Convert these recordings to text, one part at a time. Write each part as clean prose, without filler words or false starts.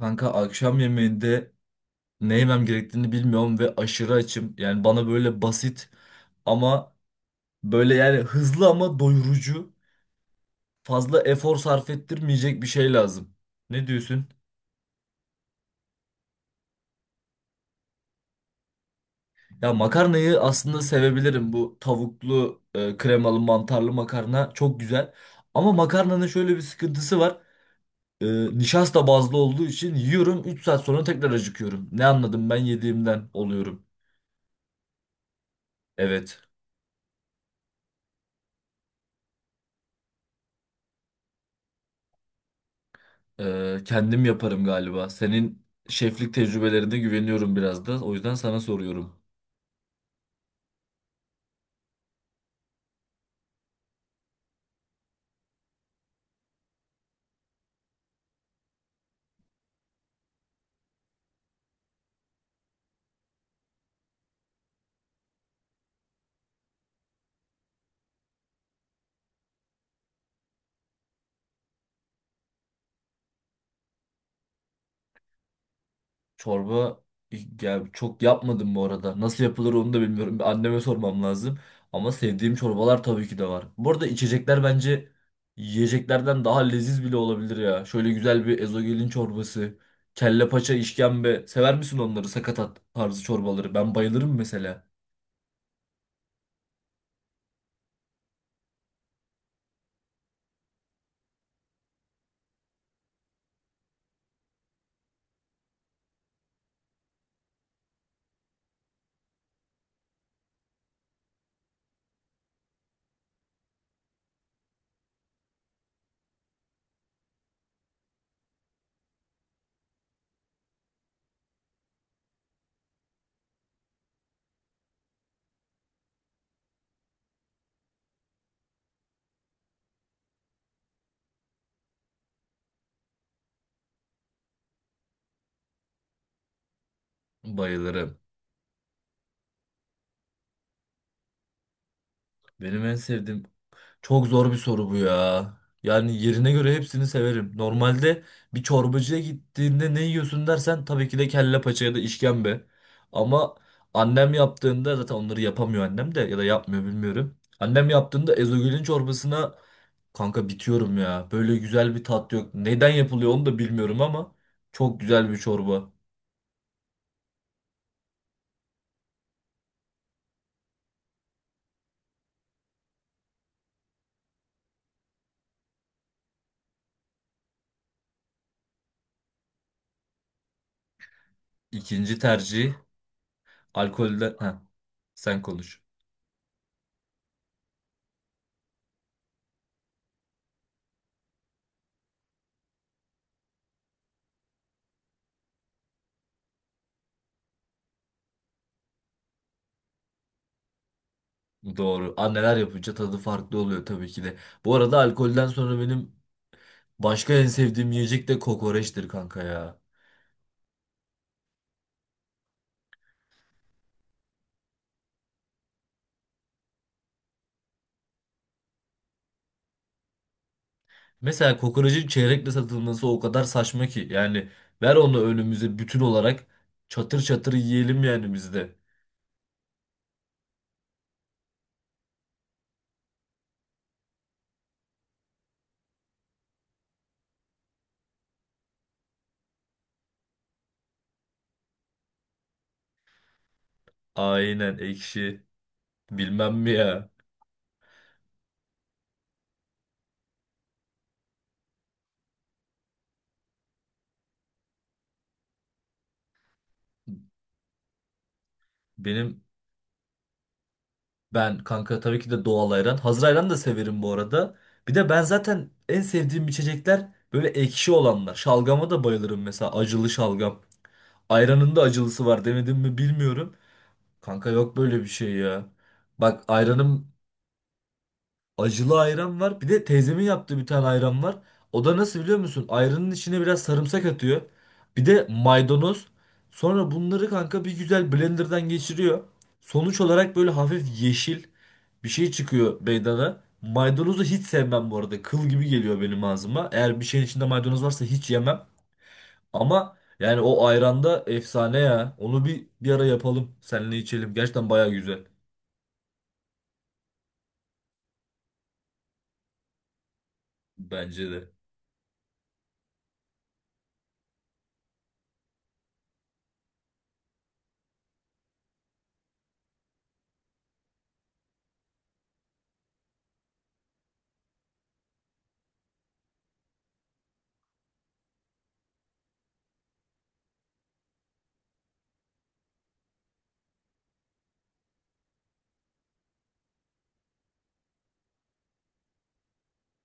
Kanka akşam yemeğinde ne yemem gerektiğini bilmiyorum ve aşırı açım. Yani bana böyle basit ama böyle yani hızlı ama doyurucu, fazla efor sarf ettirmeyecek bir şey lazım. Ne diyorsun? Ya makarnayı aslında sevebilirim. Bu tavuklu, kremalı, mantarlı makarna çok güzel. Ama makarnanın şöyle bir sıkıntısı var. E, Nişasta bazlı olduğu için yiyorum 3 saat sonra tekrar acıkıyorum. Ne anladım ben yediğimden oluyorum. Evet. Kendim yaparım galiba. Senin şeflik tecrübelerine güveniyorum biraz da. O yüzden sana soruyorum. Çorba ya çok yapmadım bu arada. Nasıl yapılır onu da bilmiyorum. Bir anneme sormam lazım. Ama sevdiğim çorbalar tabii ki de var. Bu arada içecekler bence yiyeceklerden daha leziz bile olabilir ya. Şöyle güzel bir ezogelin çorbası, kelle paça, işkembe. Sever misin onları? Sakatat tarzı çorbaları. Ben bayılırım mesela. Bayılırım. Benim en sevdiğim çok zor bir soru bu ya. Yani yerine göre hepsini severim. Normalde bir çorbacıya gittiğinde ne yiyorsun dersen tabii ki de kelle paça ya da işkembe. Ama annem yaptığında zaten onları yapamıyor annem de ya da yapmıyor bilmiyorum. Annem yaptığında ezogelin çorbasına kanka bitiyorum ya. Böyle güzel bir tat yok. Neden yapılıyor onu da bilmiyorum ama çok güzel bir çorba. İkinci tercih alkolden. Heh, sen konuş. Doğru. Anneler yapınca tadı farklı oluyor tabii ki de. Bu arada alkolden sonra benim başka en sevdiğim yiyecek de kokoreçtir kanka ya. Mesela kokorecin çeyrekle satılması o kadar saçma ki. Yani ver onu önümüze bütün olarak çatır çatır yiyelim yani biz de. Aynen ekşi. Bilmem mi ya. Benim ben kanka tabii ki de doğal ayran. Hazır ayran da severim bu arada. Bir de ben zaten en sevdiğim içecekler böyle ekşi olanlar. Şalgama da bayılırım mesela acılı şalgam. Ayranın da acılısı var demedim mi bilmiyorum. Kanka yok böyle bir şey ya. Bak ayranım acılı ayran var. Bir de teyzemin yaptığı bir tane ayran var. O da nasıl biliyor musun? Ayranın içine biraz sarımsak atıyor. Bir de maydanoz. Sonra bunları kanka bir güzel blenderdan geçiriyor. Sonuç olarak böyle hafif yeşil bir şey çıkıyor meydana. Maydanozu hiç sevmem bu arada. Kıl gibi geliyor benim ağzıma. Eğer bir şeyin içinde maydanoz varsa hiç yemem. Ama yani o ayranda efsane ya. Onu bir ara yapalım. Seninle içelim. Gerçekten baya güzel. Bence de.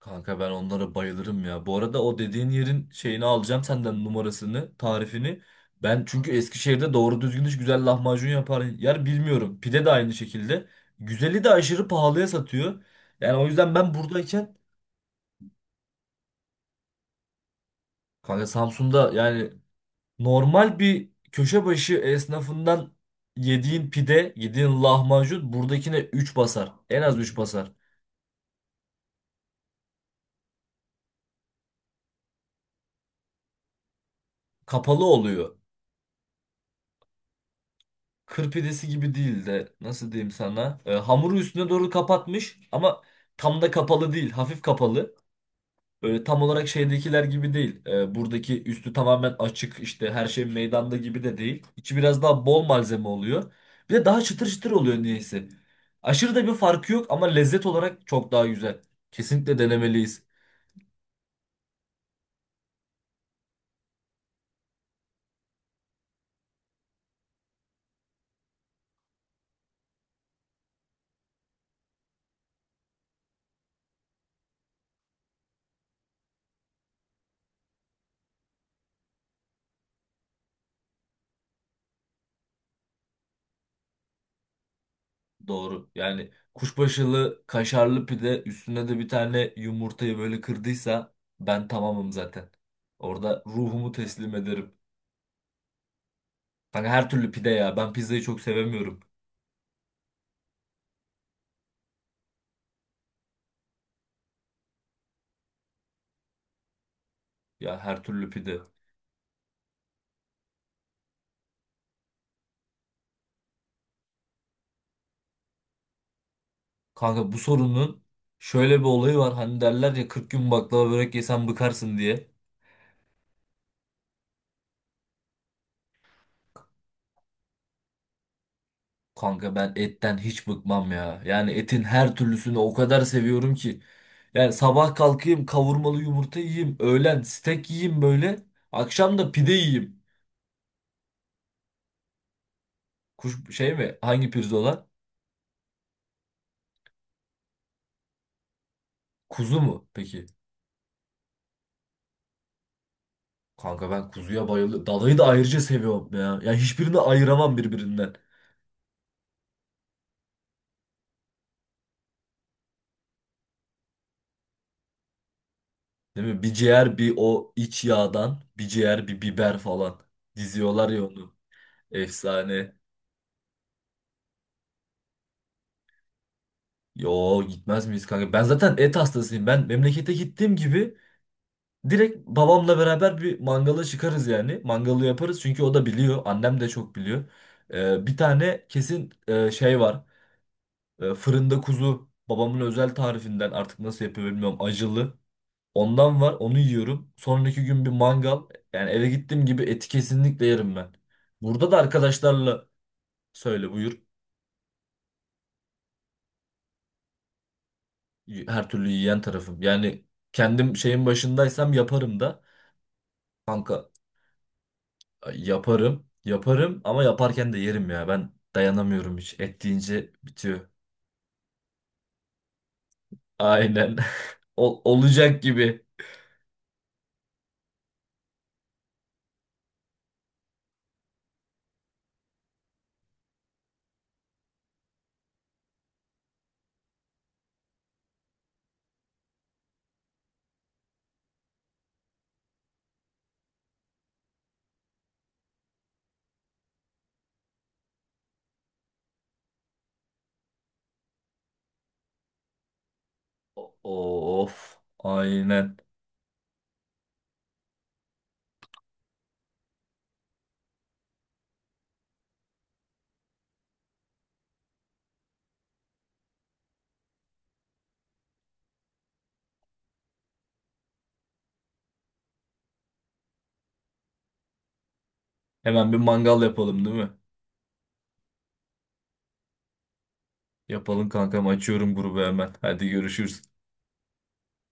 Kanka ben onlara bayılırım ya. Bu arada o dediğin yerin şeyini alacağım senden numarasını, tarifini. Ben çünkü Eskişehir'de doğru düzgün hiç güzel lahmacun yapar yer bilmiyorum. Pide de aynı şekilde. Güzeli de aşırı pahalıya satıyor. Yani o yüzden ben buradayken kanka Samsun'da yani normal bir köşe başı esnafından yediğin pide, yediğin lahmacun buradakine 3 basar. En az 3 basar. Kapalı oluyor. Kır pidesi gibi değil de nasıl diyeyim sana? Hamuru üstüne doğru kapatmış ama tam da kapalı değil. Hafif kapalı. Böyle tam olarak şeydekiler gibi değil. Buradaki üstü tamamen açık işte her şey meydanda gibi de değil. İçi biraz daha bol malzeme oluyor. Bir de daha çıtır çıtır oluyor niyeyse. Aşırı da bir farkı yok ama lezzet olarak çok daha güzel. Kesinlikle denemeliyiz. Doğru. Yani kuşbaşılı kaşarlı pide üstüne de bir tane yumurtayı böyle kırdıysa ben tamamım zaten. Orada ruhumu teslim ederim. Kanka her türlü pide ya. Ben pizzayı çok sevemiyorum. Ya her türlü pide. Kanka bu sorunun şöyle bir olayı var. Hani derler ya 40 gün baklava börek yesen bıkarsın diye. Kanka ben etten hiç bıkmam ya. Yani etin her türlüsünü o kadar seviyorum ki. Yani sabah kalkayım kavurmalı yumurta yiyeyim. Öğlen steak yiyeyim böyle. Akşam da pide yiyeyim. Kuş, şey mi? Hangi pirzola? Kuzu mu? Peki. Kanka ben kuzuya bayılıyorum. Dalayı da ayrıca seviyorum ya. Yani hiçbirini ayıramam birbirinden. Değil mi? Bir ciğer bir o iç yağdan bir ciğer bir biber falan diziyorlar ya onu. Efsane. Yo gitmez miyiz kanka? Ben zaten et hastasıyım. Ben memlekete gittiğim gibi direkt babamla beraber bir mangala çıkarız yani. Mangalı yaparız çünkü o da biliyor. Annem de çok biliyor. Bir tane kesin şey var. Fırında kuzu. Babamın özel tarifinden artık nasıl yapıyor bilmiyorum. Acılı. Ondan var onu yiyorum. Sonraki gün bir mangal. Yani eve gittiğim gibi eti kesinlikle yerim ben. Burada da arkadaşlarla söyle buyur. Her türlü yiyen tarafım. Yani kendim şeyin başındaysam yaparım da. Kanka yaparım. Yaparım ama yaparken de yerim ya. Ben dayanamıyorum hiç. Et deyince bitiyor. Aynen. Olacak gibi. Of. Aynen. Hemen bir mangal yapalım değil mi? Yapalım kankam. Açıyorum grubu hemen. Hadi görüşürüz.